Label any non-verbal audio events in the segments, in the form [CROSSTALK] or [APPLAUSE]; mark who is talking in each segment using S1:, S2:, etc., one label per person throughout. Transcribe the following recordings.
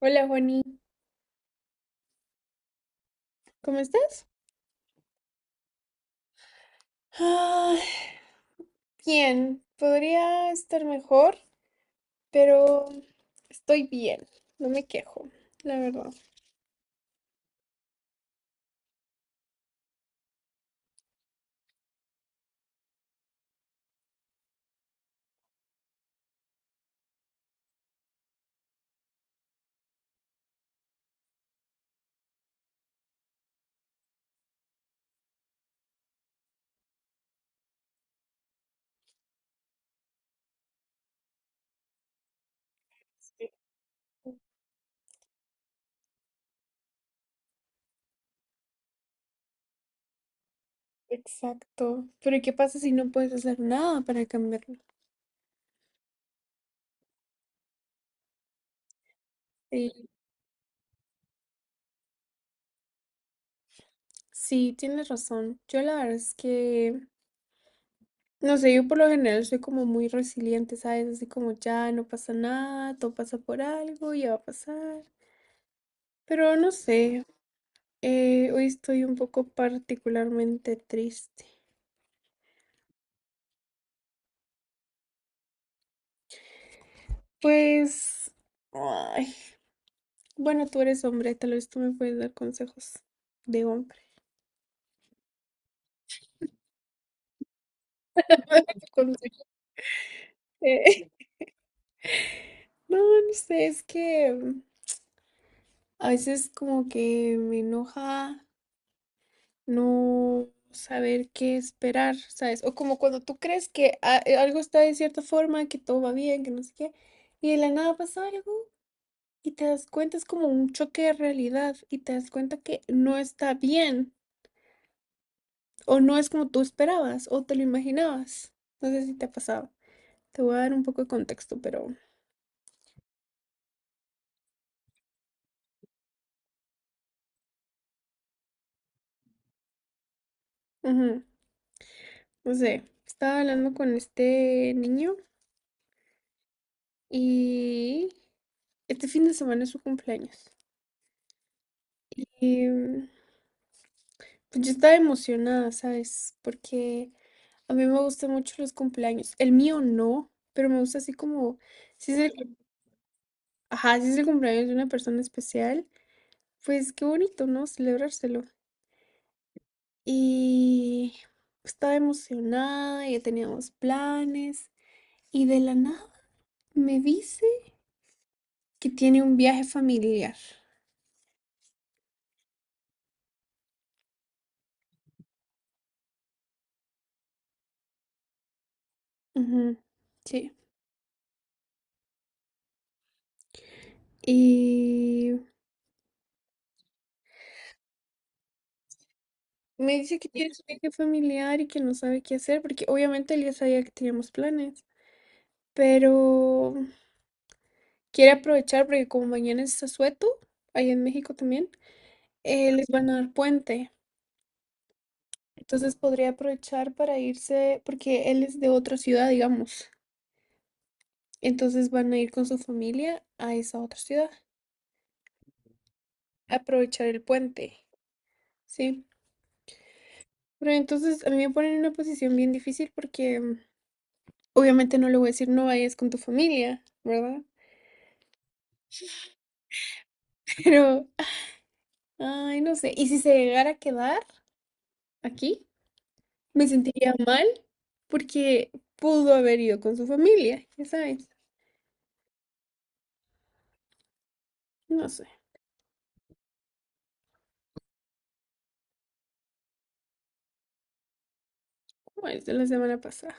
S1: Hola Juanita, ¿cómo estás? Ay, bien, podría estar mejor, pero estoy bien, no me quejo, la verdad. Sí, exacto, pero ¿qué pasa si no puedes hacer nada para cambiarlo? Sí, sí, tienes razón. Yo la verdad es que, no sé, yo por lo general soy como muy resiliente, ¿sabes? Así como ya no pasa nada, todo pasa por algo, ya va a pasar. Pero no sé, hoy estoy un poco particularmente triste. Pues, ay, bueno, tú eres hombre, tal vez tú me puedes dar consejos de hombre. Consejo de- [LAUGHS] No, no sé, es que a veces como que me enoja no saber qué esperar, ¿sabes? O como cuando tú crees que algo está de cierta forma, que todo va bien, que no sé qué, y de la nada pasa algo y te das cuenta, es como un choque de realidad y te das cuenta que no está bien. O no es como tú esperabas o te lo imaginabas. No sé si te ha pasado. Te voy a dar un poco de contexto, pero... Ujú. No sé, estaba hablando con este niño y este fin de semana es su cumpleaños. Y pues yo estaba emocionada, ¿sabes? Porque a mí me gustan mucho los cumpleaños. El mío no, pero me gusta así como... Si es el, ajá, si es el cumpleaños de una persona especial, pues qué bonito, ¿no? Celebrárselo. Y estaba emocionada, ya teníamos planes. Y de la nada me dice que tiene un viaje familiar. Ujú, sí. Y me dice que tiene un viaje familiar y que no sabe qué hacer, porque obviamente él ya sabía que teníamos planes. Pero quiere aprovechar porque como mañana es Asueto, allá en México también, les van a dar puente. Entonces podría aprovechar para irse, porque él es de otra ciudad, digamos. Entonces van a ir con su familia a esa otra ciudad, a aprovechar el puente, ¿sí? Pero entonces a mí me ponen en una posición bien difícil porque obviamente no le voy a decir no vayas con tu familia, ¿verdad? [LAUGHS] Pero, ay, no sé. Y si se llegara a quedar aquí, me sentiría mal porque pudo haber ido con su familia, ya sabes. No sé, ¿cómo es de la semana pasada?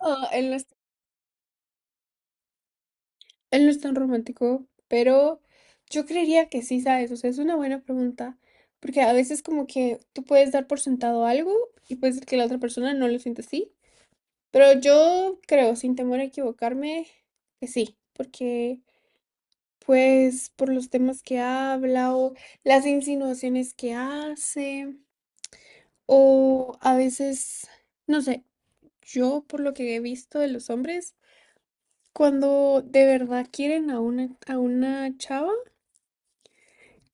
S1: Ah, en la Él no es tan romántico, pero yo creería que sí, ¿sabes? O sea, es una buena pregunta, porque a veces como que tú puedes dar por sentado algo y puede ser que la otra persona no lo sienta así, pero yo creo, sin temor a equivocarme, que sí, porque pues por los temas que habla o las insinuaciones que hace, o a veces, no sé, yo por lo que he visto de los hombres, cuando de verdad quieren a a una chava,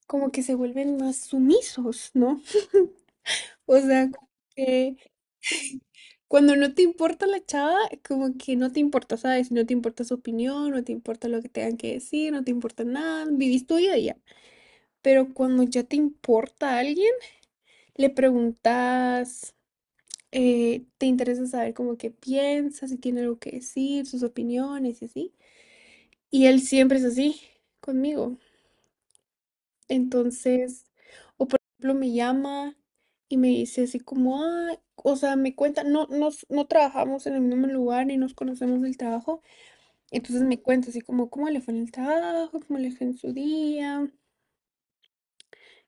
S1: como que se vuelven más sumisos, ¿no? [LAUGHS] O sea, como que cuando no te importa la chava, como que no te importa, ¿sabes? No te importa su opinión, no te importa lo que tengan que decir, no te importa nada, vivís tu vida y ya. Pero cuando ya te importa a alguien, le preguntas, te interesa saber como que piensa, si tiene algo que decir, sus opiniones y así. Y él siempre es así conmigo. Entonces, o por ejemplo, me llama y me dice así como, ah, o sea, me cuenta, no trabajamos en el mismo lugar ni nos conocemos del trabajo. Entonces me cuenta así como, ¿cómo le fue en el trabajo? ¿Cómo le fue en su día?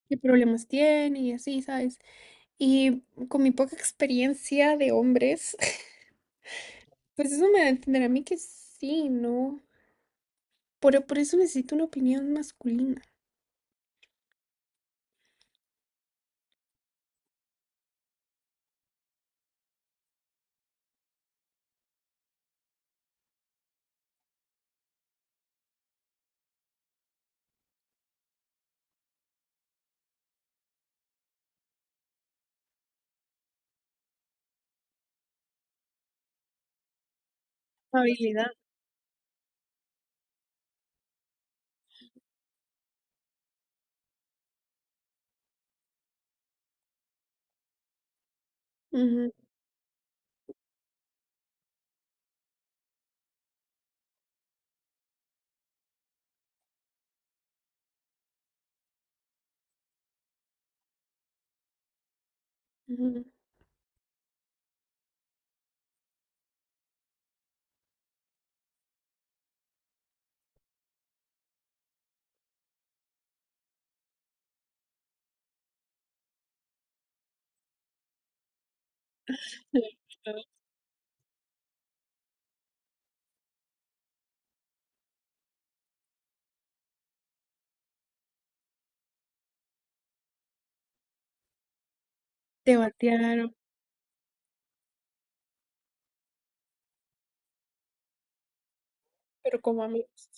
S1: ¿Qué problemas tiene? Y así, ¿sabes? Y con mi poca experiencia de hombres, [LAUGHS] pues eso me da a entender a mí que sí, ¿no? Por eso necesito una opinión masculina. Habilidad. Ujú, ujú. [LAUGHS] Te batearon. Pero como amigos.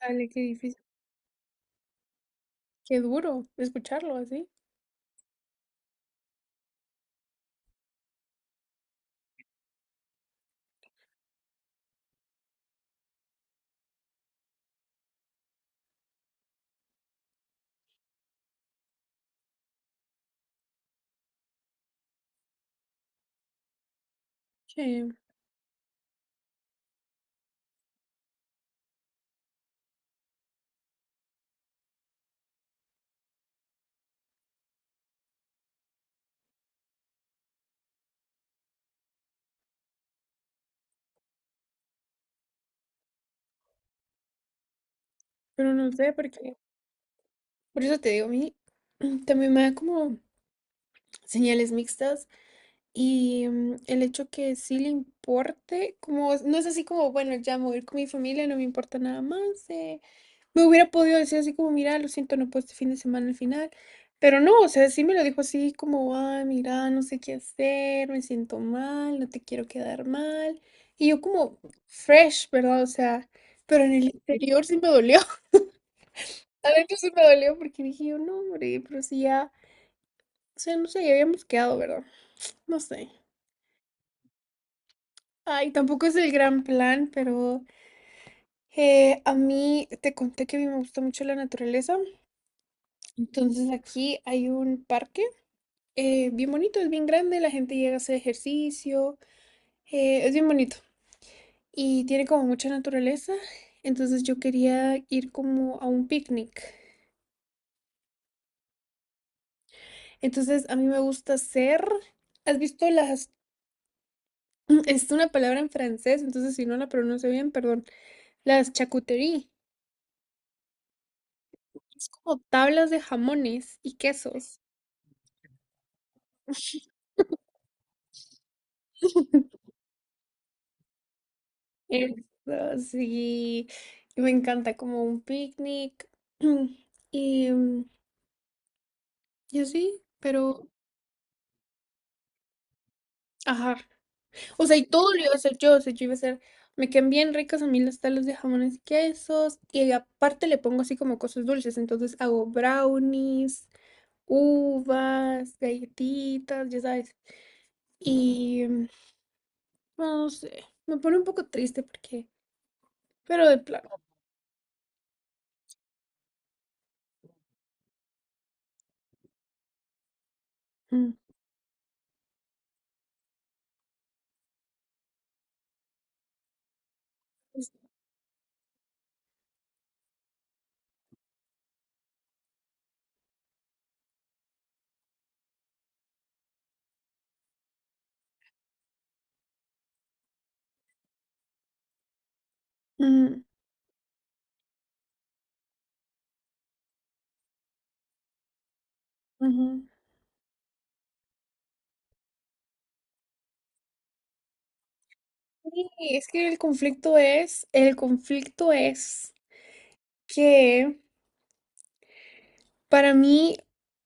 S1: Dale, qué difícil, qué duro escucharlo así. que- pero no sé por qué. Por eso te digo, a mí [CLEARS THROAT] también me da como señales mixtas y el hecho que sí le importe, como no es así como, bueno, ya me voy a ir con mi familia, no me importa nada más, me hubiera podido decir así como: "Mira, lo siento, no puedo este fin de semana al final", pero no, o sea, sí me lo dijo así como: "Ay, mira, no sé qué hacer, me siento mal, no te quiero quedar mal", y yo como fresh, ¿verdad? O sea, pero en el interior sí me dolió, [LAUGHS] adentro sí me dolió porque dije yo: "No, hombre, pero si ya, o sea, no sé, ya habíamos quedado, ¿verdad?". No sé. Ay, tampoco es el gran plan, pero, a mí te conté que a mí me gusta mucho la naturaleza, entonces aquí hay un parque bien bonito, es bien grande, la gente llega a hacer ejercicio, es bien bonito y tiene como mucha naturaleza, entonces yo quería ir como a un picnic. Entonces a mí me gusta hacer, ¿has visto las, [CLEARS THROAT] es una palabra en francés, entonces si no la pronuncio bien, perdón, las charcuterie, es como tablas de jamones y quesos. Eso, sí, y me encanta como un picnic [CLEARS THROAT] y, y así, pero, ajá. O sea, y todo lo iba a hacer yo, o sea, yo iba a hacer, me quedan bien ricas a mí las talas de jamones y quesos, y aparte le pongo así como cosas dulces, entonces hago brownies, uvas, galletitas, ya sabes, y no sé, me pone un poco triste porque, pero de plano. mm, es- mm, Ujú. Sí, es que el conflicto es que para mí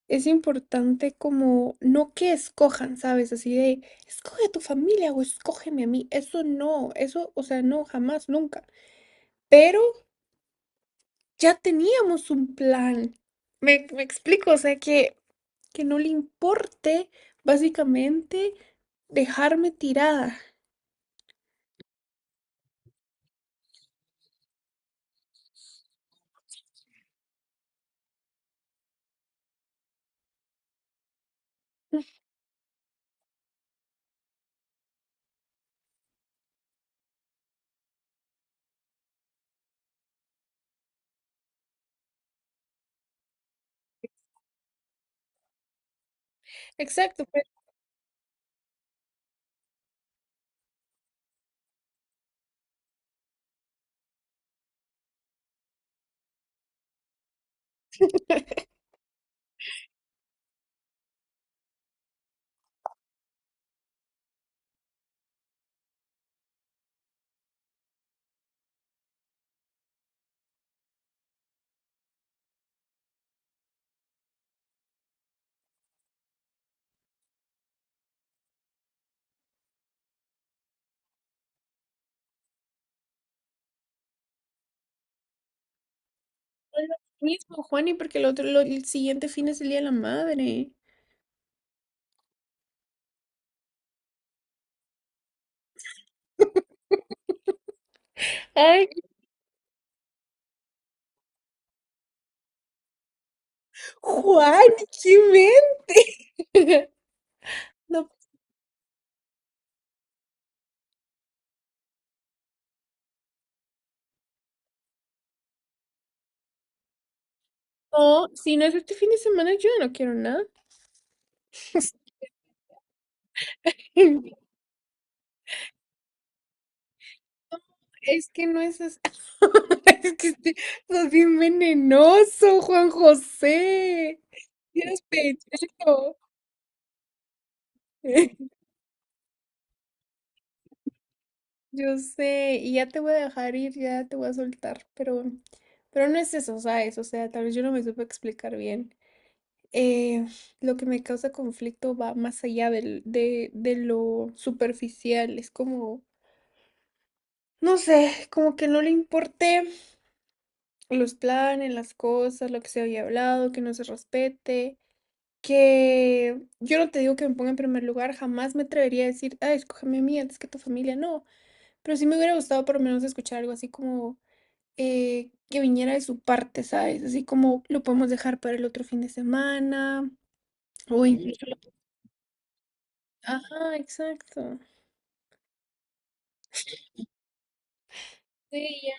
S1: es importante como no que escojan, ¿sabes? Así de, escoge a tu familia o escógeme a mí. Eso no, eso, o sea, no, jamás, nunca. Pero ya teníamos un plan. Me explico, o sea, que no le importe básicamente dejarme tirada. Exacto, pero no es lo mismo, Juani, porque el otro, el siguiente fin es el Día de la Madre. Ay, Juan, qué mente. [LAUGHS] No No, si no es este fin de semana, yo no quiero nada. [LAUGHS] No, es que no es así. [LAUGHS] Es que este- Sos bien venenoso, Juan José. Tienes pechito. [LAUGHS] Yo sé, y ya te voy a dejar ir, ya te voy a soltar, pero no es eso, ¿sabes? O sea, tal vez yo no me supe explicar bien. Eh, lo que me causa conflicto va más allá de lo superficial, es como, no sé, como que no le importé los planes, las cosas, lo que se había hablado, que no se respete, que yo no te digo que me ponga en primer lugar, jamás me atrevería a decir, ah, escógeme a mí antes que a tu familia, no, pero sí me hubiera gustado por lo menos escuchar algo así como que viniera de su parte, ¿sabes? Así como lo podemos dejar para el otro fin de semana, o incluso... lo- ajá, exacto. Sí, ya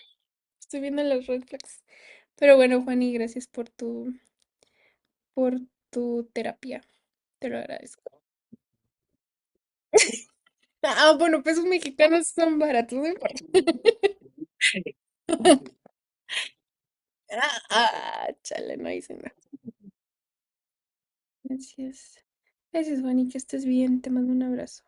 S1: estoy viendo las red flags. Pero bueno, Juani, gracias por tu terapia, te lo agradezco. Ah, bueno, pesos mexicanos son baratos, no importa. Ah, ah, chale, no hice nada. Gracias. Gracias, Bonnie, que estés bien. Te mando un abrazo.